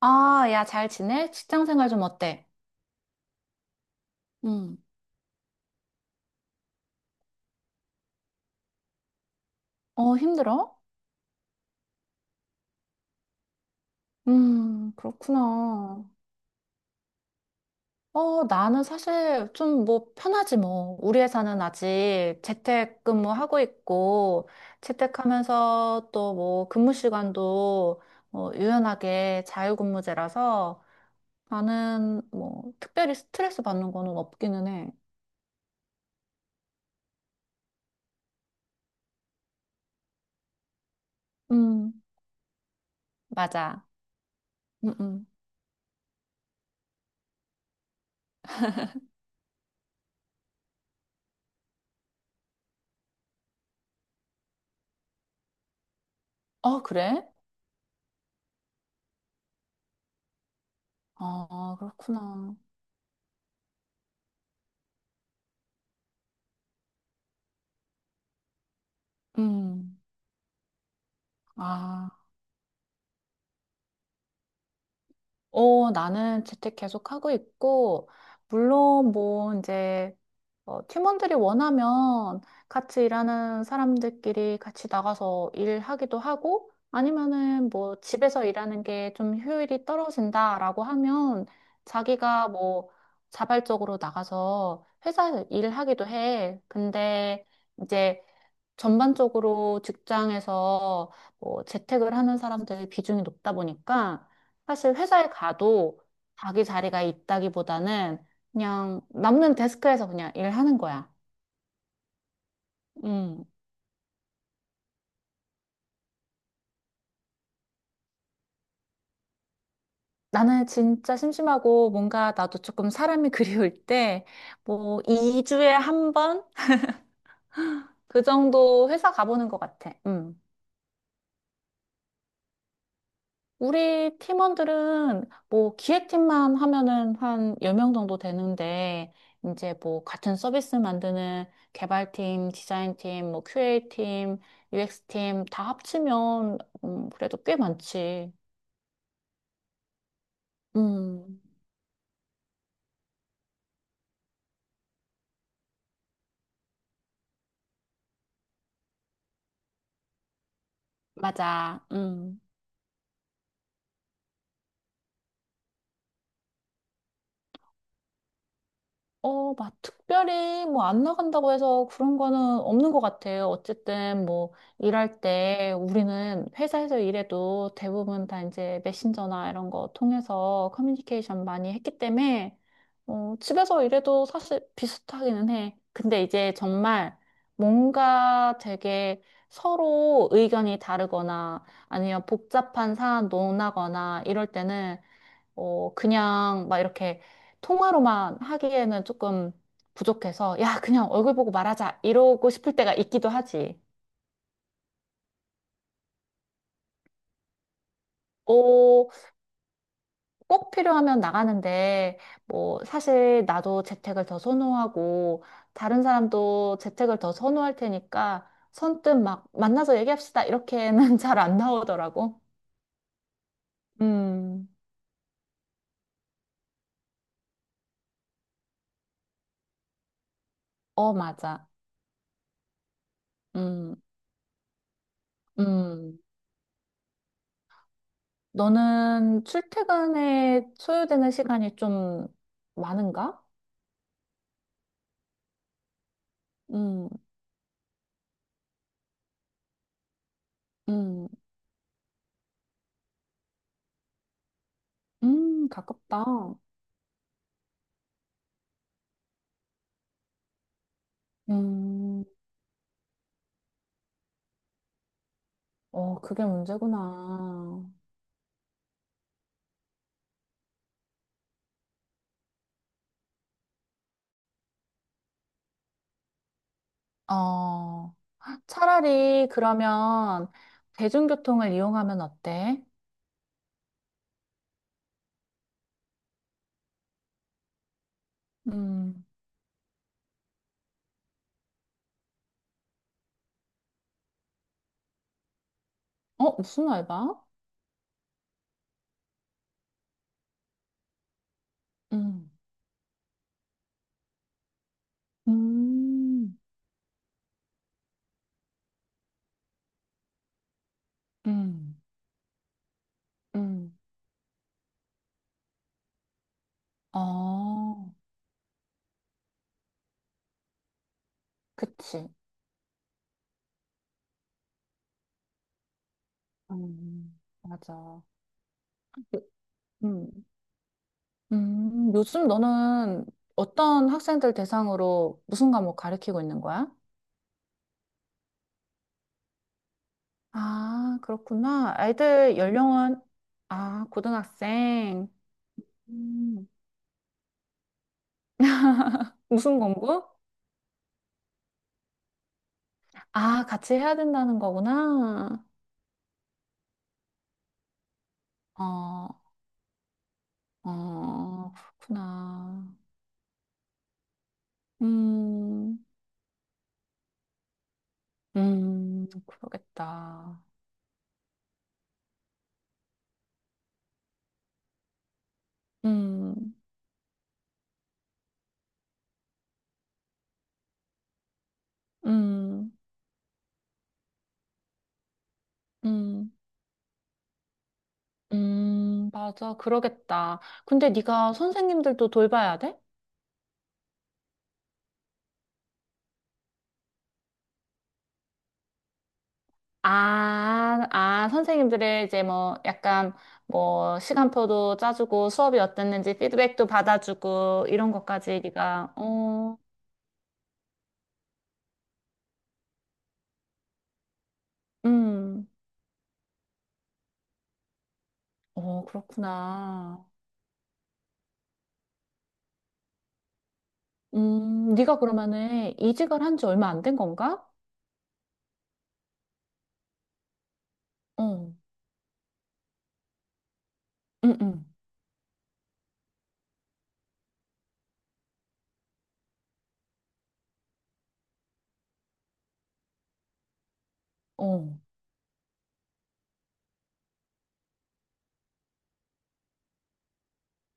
아, 야, 잘 지내? 직장 생활 좀 어때? 응, 어, 힘들어? 그렇구나. 어, 나는 사실 좀 뭐 편하지 뭐. 우리 회사는 아직 재택근무하고 있고, 재택하면서 또 뭐 근무 시간도 어, 유연하게 자유근무제라서 나는 뭐 특별히 스트레스 받는 거는 없기는 해. 음, 맞아. 음, 음. 어, 그래? 어, 그렇구나. 음, 아. 어, 나는 재택 계속 하고 있고, 물론 뭐 이제 어, 팀원들이 원하면 같이 일하는 사람들끼리 같이 나가서 일하기도 하고, 아니면은 뭐 집에서 일하는 게 좀 효율이 떨어진다라고 하면 자기가 뭐 자발적으로 나가서 회사에서 일하기도 해. 근데 이제 전반적으로 직장에서 뭐 재택을 하는 사람들의 비중이 높다 보니까 사실 회사에 가도 자기 자리가 있다기보다는 그냥 남는 데스크에서 그냥 일하는 거야. 음. 나는 진짜 심심하고 뭔가 나도 조금 사람이 그리울 때 뭐 2주에 한 번 그 정도 회사 가보는 것 같아. 음. 우리 팀원들은 뭐 기획팀만 하면은 한 10명 정도 되는데, 이제 뭐 같은 서비스 만드는 개발팀, 디자인팀, 뭐 QA팀, UX팀 다 합치면, 그래도 꽤 많지. 음, 맞아. 음. 어, 막 특별히 뭐 안 나간다고 해서 그런 거는 없는 것 같아요. 어쨌든 뭐 일할 때 우리는 회사에서 일해도 대부분 다 이제 메신저나 이런 거 통해서 커뮤니케이션 많이 했기 때문에 어, 집에서 일해도 사실 비슷하기는 해. 근데 이제 정말 뭔가 되게 서로 의견이 다르거나 아니면 복잡한 사안 논하거나 이럴 때는 어, 그냥 막 이렇게 통화로만 하기에는 조금 부족해서, 야, 그냥 얼굴 보고 말하자. 이러고 싶을 때가 있기도 하지. 어, 꼭 필요하면 나가는데, 뭐, 사실 나도 재택을 더 선호하고, 다른 사람도 재택을 더 선호할 테니까, 선뜻 막 만나서 얘기합시다. 이렇게는 잘 안 나오더라고. 음, 어, 맞아. 음, 음. 너는 출퇴근에 소요되는 시간이 좀 많은가? 음, 음, 가깝다. 음, 어, 그게 문제구나. 어, 차라리 그러면 대중교통을 이용하면 어때? 음, 어, 무슨 알바? 음, 음, 음, 음, 어, 그치. 맞아. 음, 요즘 너는 어떤 학생들 대상으로 무슨 과목 가르치고 있는 거야? 아, 그렇구나. 애들 연령은, 아, 고등학생. 음, 무슨 공부? 아, 같이 해야 된다는 거구나. 어, 어, 그렇구나. 음, 그러겠다. 음, 음, 음, 맞아. 그러겠다. 근데 네가 선생님들도 돌봐야 돼? 아, 아, 선생님들의 이제 뭐 약간 뭐 시간표도 짜주고 수업이 어땠는지 피드백도 받아주고 이런 것까지 네가 어, 음, 어, 그렇구나. 네가 그러면은 이직을 한 지 얼마 안 된 건가? 어, 응, 응, 어,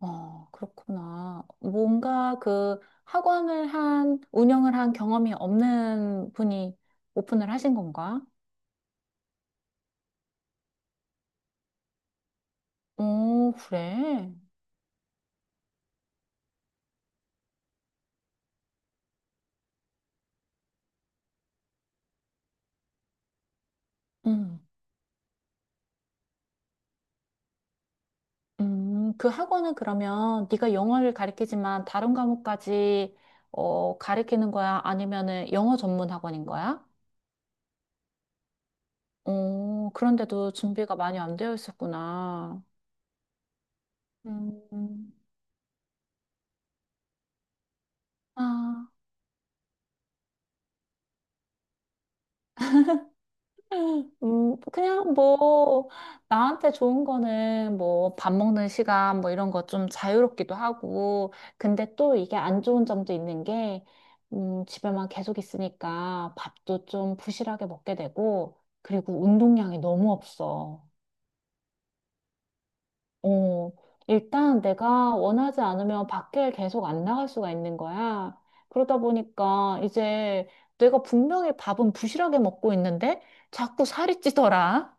어, 그렇구나. 뭔가 그 학원을 한 운영을 한 경험이 없는 분이 오픈을 하신 건가? 오, 그래. 음. 그 학원은 그러면 네가 영어를 가르치지만 다른 과목까지 어, 가르치는 거야? 아니면은 영어 전문 학원인 거야? 어, 그런데도 준비가 많이 안 되어 있었구나. 음, 아, 그냥 뭐, 나한테 좋은 거는 뭐, 밥 먹는 시간 뭐 이런 거 좀 자유롭기도 하고, 근데 또 이게 안 좋은 점도 있는 게, 집에만 계속 있으니까 밥도 좀 부실하게 먹게 되고, 그리고 운동량이 너무 없어. 어, 일단 내가 원하지 않으면 밖에 계속 안 나갈 수가 있는 거야. 그러다 보니까 이제 내가 분명히 밥은 부실하게 먹고 있는데, 자꾸 살이 찌더라.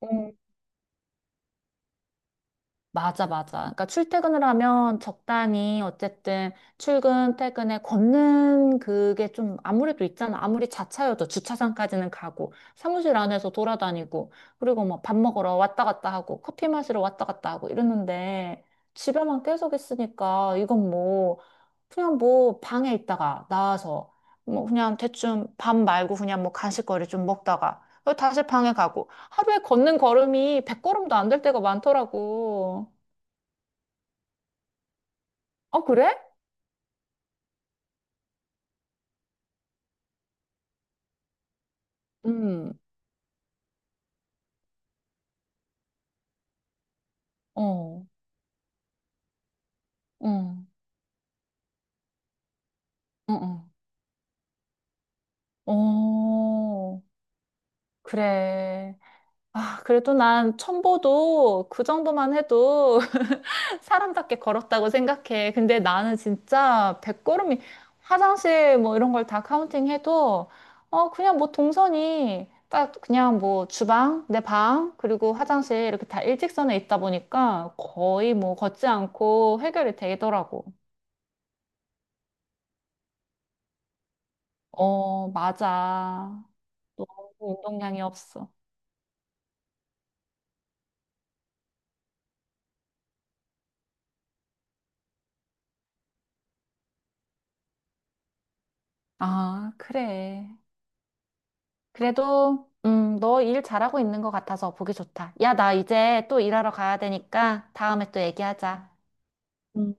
어. 맞아, 맞아. 그러니까 출퇴근을 하면 적당히 어쨌든 출근, 퇴근에 걷는 그게 좀 아무래도 있잖아. 아무리 자차여도 주차장까지는 가고 사무실 안에서 돌아다니고 그리고 뭐 밥 먹으러 왔다 갔다 하고 커피 마시러 왔다 갔다 하고 이러는데 집에만 계속 있으니까 이건 뭐 그냥 뭐 방에 있다가 나와서 뭐 그냥 대충 밥 말고 그냥 뭐 간식거리 좀 먹다가 어, 다시 방에 가고 하루에 걷는 걸음이 100걸음도 안 될 때가 많더라고. 어, 그래? 음, 어, 응, 응, 응. 어, 그래. 아, 그래도 난 1,000보도 그 정도만 해도 사람답게 걸었다고 생각해. 근데 나는 진짜 100걸음이 화장실 뭐 이런 걸 다 카운팅해도 어 그냥 뭐 동선이 딱 그냥 뭐 주방, 내 방, 그리고 화장실 이렇게 다 일직선에 있다 보니까 거의 뭐 걷지 않고 해결이 되더라고. 어, 맞아. 너무 운동량이 없어. 아, 그래. 그래도, 너 일 잘하고 있는 것 같아서 보기 좋다. 야, 나 이제 또 일하러 가야 되니까 다음에 또 얘기하자. 음,